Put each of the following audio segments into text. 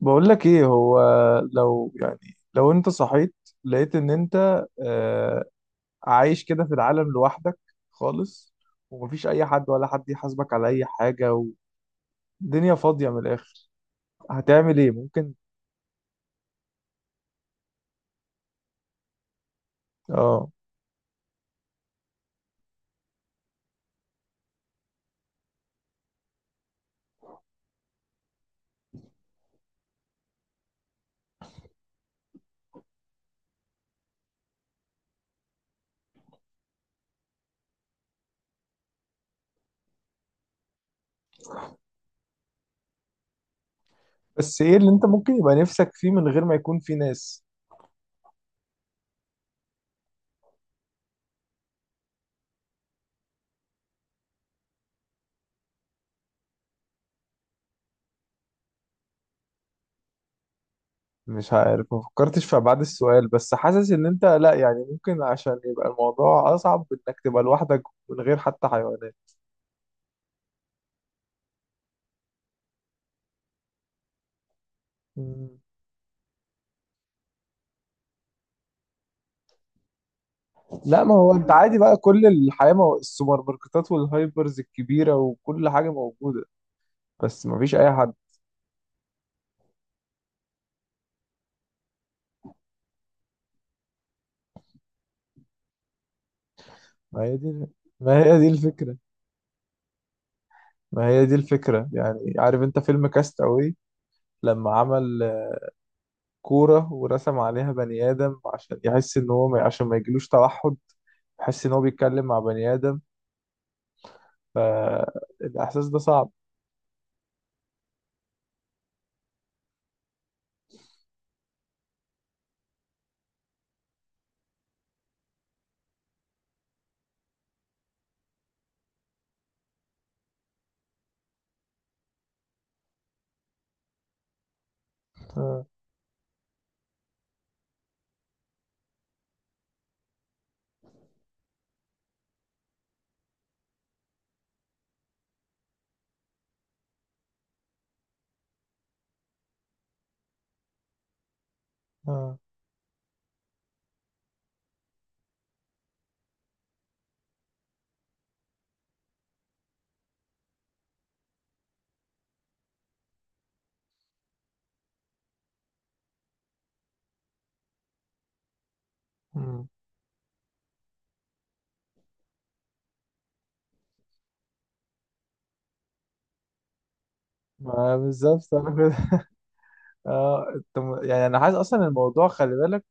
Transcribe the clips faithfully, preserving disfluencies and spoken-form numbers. بقول لك ايه هو. لو يعني لو انت صحيت لقيت ان انت آه، عايش كده في العالم لوحدك خالص، ومفيش اي حد ولا حد يحاسبك على اي حاجة والدنيا فاضية من الاخر، هتعمل ايه ممكن؟ اه بس ايه اللي انت ممكن يبقى نفسك فيه من غير ما يكون فيه ناس؟ مش عارف، ما فكرتش في ابعاد السؤال، بس حاسس ان انت لا يعني ممكن عشان يبقى الموضوع اصعب انك تبقى لوحدك من غير حتى حيوانات. لا، ما هو انت عادي بقى، كل الحياة مو... السوبر ماركتات والهايبرز الكبيرة وكل حاجة موجودة، بس ما فيش اي حد. ما هي دي، ما هي دي الفكرة. ما هي دي الفكرة يعني. عارف انت فيلم كاست اواي لما عمل كورة ورسم عليها بني آدم عشان يحس ان هو ما... عشان ما يجيلوش توحد، يحس ان هو بيتكلم مع بني آدم؟ فالاحساس ده صعب. اه. اه. مم. ما بالظبط انا كده. اه. انت م- يعني انا عايز اصلا الموضوع خلي بالك،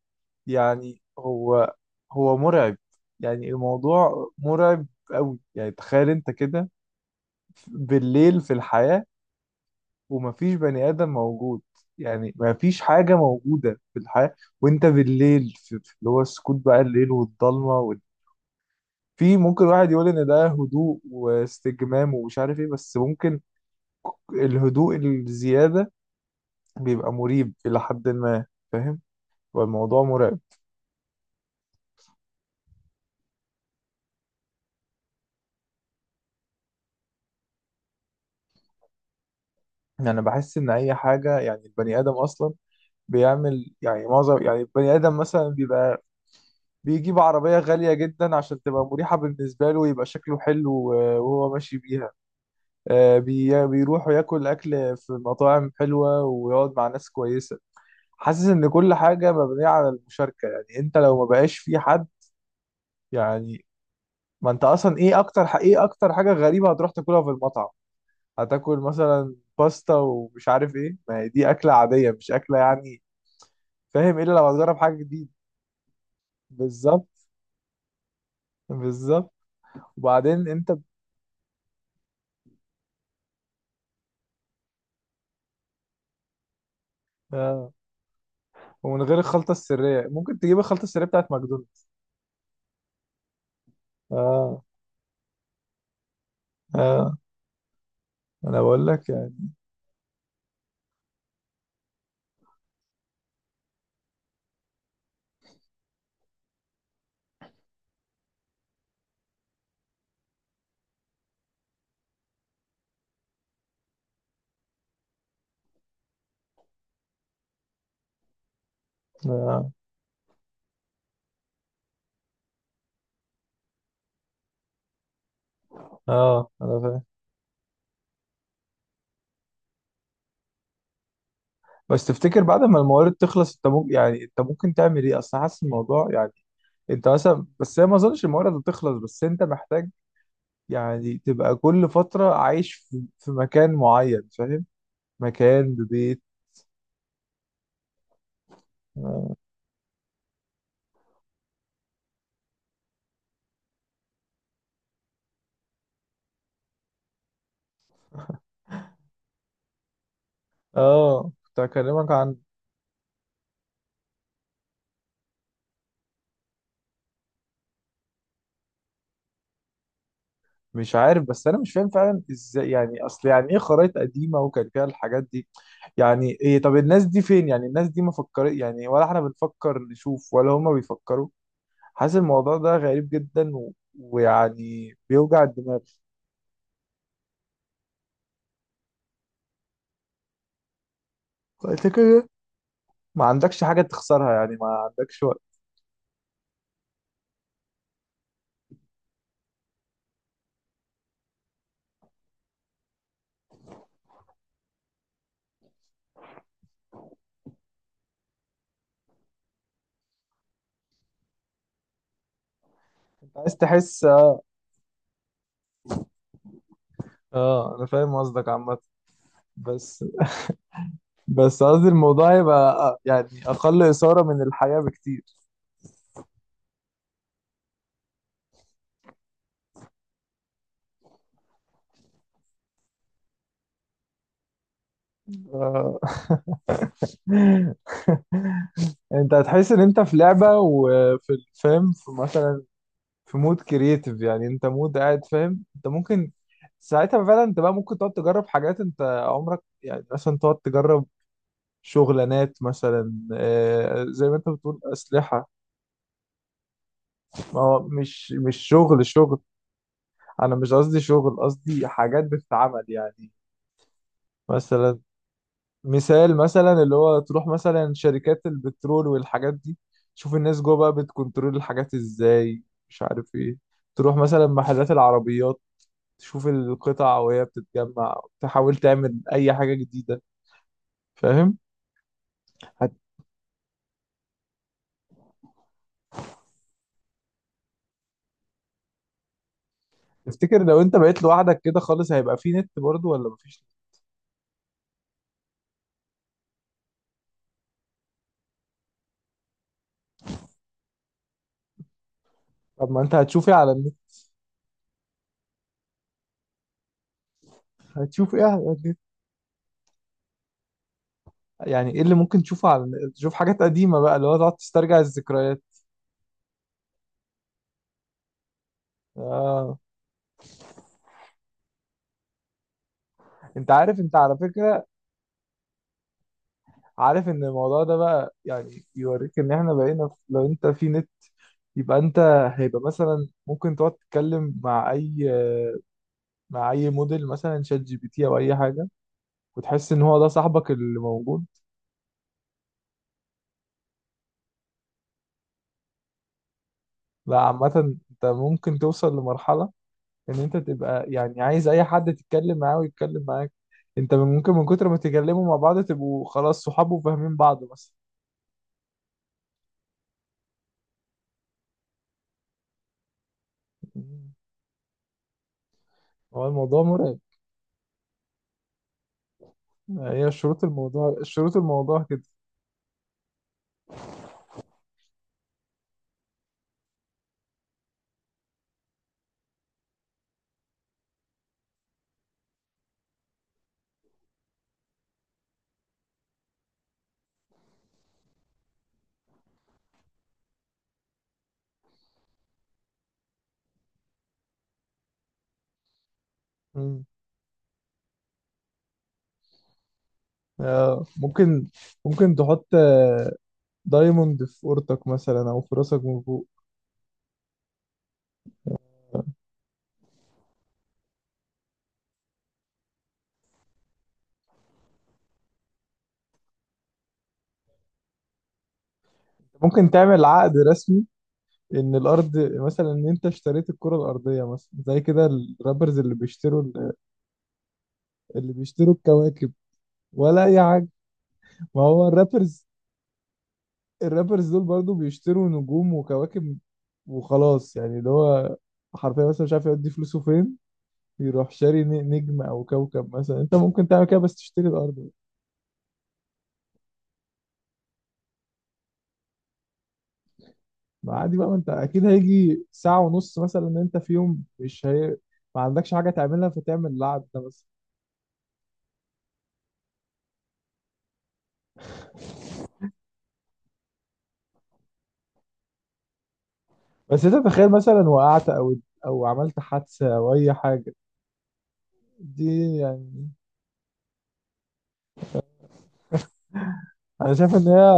يعني هو، هو مرعب. يعني الموضوع مرعب قوي. يعني تخيل انت كده بالليل في الحياة ومفيش بني آدم موجود، يعني مفيش حاجة موجودة في الحياة، وانت بالليل في في اللي هو السكوت بقى، الليل والضلمة وال... في ممكن واحد يقول ان ده هدوء واستجمام ومش عارف ايه، بس ممكن الهدوء الزيادة بيبقى مريب إلى حد ما، فاهم؟ والموضوع مرعب. يعني انا بحس ان اي حاجه، يعني البني ادم اصلا بيعمل، يعني معظم يعني البني ادم مثلا بيبقى بيجيب عربيه غاليه جدا عشان تبقى مريحه بالنسبه له ويبقى شكله حلو و- وهو ماشي بيها، آه، بي- بيروح ياكل اكل في مطاعم حلوه ويقعد مع ناس كويسه. حاسس ان كل حاجه مبنيه على المشاركه، يعني انت لو ما بقاش في حد يعني، ما انت اصلا ايه اكتر ح- ايه اكتر حاجه غريبه هتروح تاكلها في المطعم؟ هتاكل مثلا باستا ومش عارف ايه، ما هي دي اكله عاديه مش اكله يعني، فاهم؟ الا لو هتجرب حاجه جديده. بالظبط، بالظبط. وبعدين انت ب... آه. ومن غير الخلطه السريه، ممكن تجيب الخلطه السريه بتاعت ماكدونالدز. اه. اه. انا بقول لك يعني. اه. اه انا فاهم. بس تفتكر بعد ما الموارد تخلص انت ممكن، يعني انت ممكن تعمل ايه؟ اصل حاسس الموضوع يعني، انت مثلا، بس هي ما اظنش الموارد هتخلص، بس انت محتاج يعني تبقى كل فتره عايش في, في مكان معين، فاهم؟ مكان ببيت. اه. آه، كنت هكلمك عن. مش عارف، بس انا مش فاهم فعلا ازاي يعني، اصل يعني ايه خرايط قديمه وكان فيها الحاجات دي؟ يعني ايه؟ طب الناس دي فين؟ يعني الناس دي ما فكر، يعني ولا احنا بنفكر نشوف ولا هما بيفكروا؟ حاسس الموضوع ده غريب جدا و... ويعني بيوجع الدماغ. فانت كده ما عندكش حاجه تخسرها، يعني ما عندكش وقت. عايز تحس، اه. آه، انا فاهم قصدك عامه. بس، بس قصدي الموضوع يبقى آه، يعني اقل اثاره من الحياه بكتير. آه، انت هتحس ان انت في لعبة، وفي الفيلم في مثلا في مود كرييتيف، يعني انت مود قاعد، فاهم؟ انت ممكن ساعتها فعلا، انت بقى ممكن تقعد تجرب حاجات انت عمرك، يعني مثلا تقعد تجرب شغلانات مثلا، آه، زي ما انت بتقول اسلحة. ما هو مش مش شغل شغل، انا مش قصدي شغل، قصدي حاجات بتتعمل يعني. مثلا مثال، مثلا اللي هو تروح مثلا شركات البترول والحاجات دي، تشوف الناس جوه بقى بتكنترول الحاجات ازاي، مش عارف ايه. تروح مثلا محلات العربيات، تشوف القطع وهي بتتجمع، تحاول تعمل اي حاجة جديدة، فاهم؟ هتفتكر لو انت بقيت لوحدك كده خالص هيبقى في نت برضو ولا مفيش؟ طب ما انت هتشوف ايه على النت؟ هتشوف ايه على النت؟ يعني ايه اللي ممكن تشوفه على النت؟ تشوف حاجات قديمة بقى اللي هو تقعد تسترجع الذكريات؟ اه. انت عارف انت على فكرة، عارف ان الموضوع ده بقى يعني يوريك ان احنا بقينا في- لو انت في نت، يبقى انت هيبقى مثلا ممكن تقعد تتكلم مع اي، مع اي موديل مثلا شات جي بي تي او اي حاجه، وتحس ان هو ده صاحبك اللي موجود. لا عامه انت ممكن توصل لمرحله ان انت تبقى يعني عايز اي حد تتكلم معاه ويتكلم معاك. انت من- ممكن من كتر ما تتكلموا مع بعض تبقوا خلاص صحاب وفاهمين بعض مثلا. مم. هو الموضوع مرعب. هي شروط الموضوع، شروط الموضوع. كده، آه، ممكن، ممكن تحط آه، دايموند في أوضتك مثلا أو في راسك من فوق. ممكن تعمل عقد رسمي إن الأرض، مثلا إن أنت اشتريت الكرة الأرضية مثلا زي كده الرابرز اللي بيشتروا ال- اللي بيشتروا الكواكب ولا أي حاجة. ما هو الرابرز، الرابرز دول برضو بيشتروا نجوم وكواكب وخلاص، يعني اللي هو حرفيا مثلا مش عارف يودي فلوسه فين، يروح شاري ن- نجم أو كوكب مثلا. أنت ممكن تعمل كده بس تشتري الأرض. ما عادي بقى، ما انت اكيد هيجي ساعة ونص مثلا ان انت في يوم مش هي... ما عندكش حاجة تعملها فتعمل القعد ده بس. بس انت تخيل مثلا وقعت او او عملت حادثة او اي حاجة، دي يعني. انا شايف ان هي،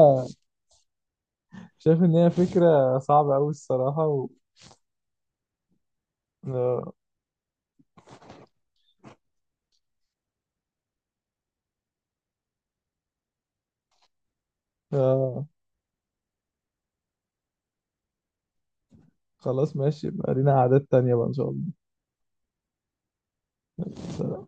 شايف ان هي فكرة صعبة قوي الصراحة و... آه... آه... خلاص ماشي بقى، لينا قعدات تانية بقى ان شاء الله. سلام.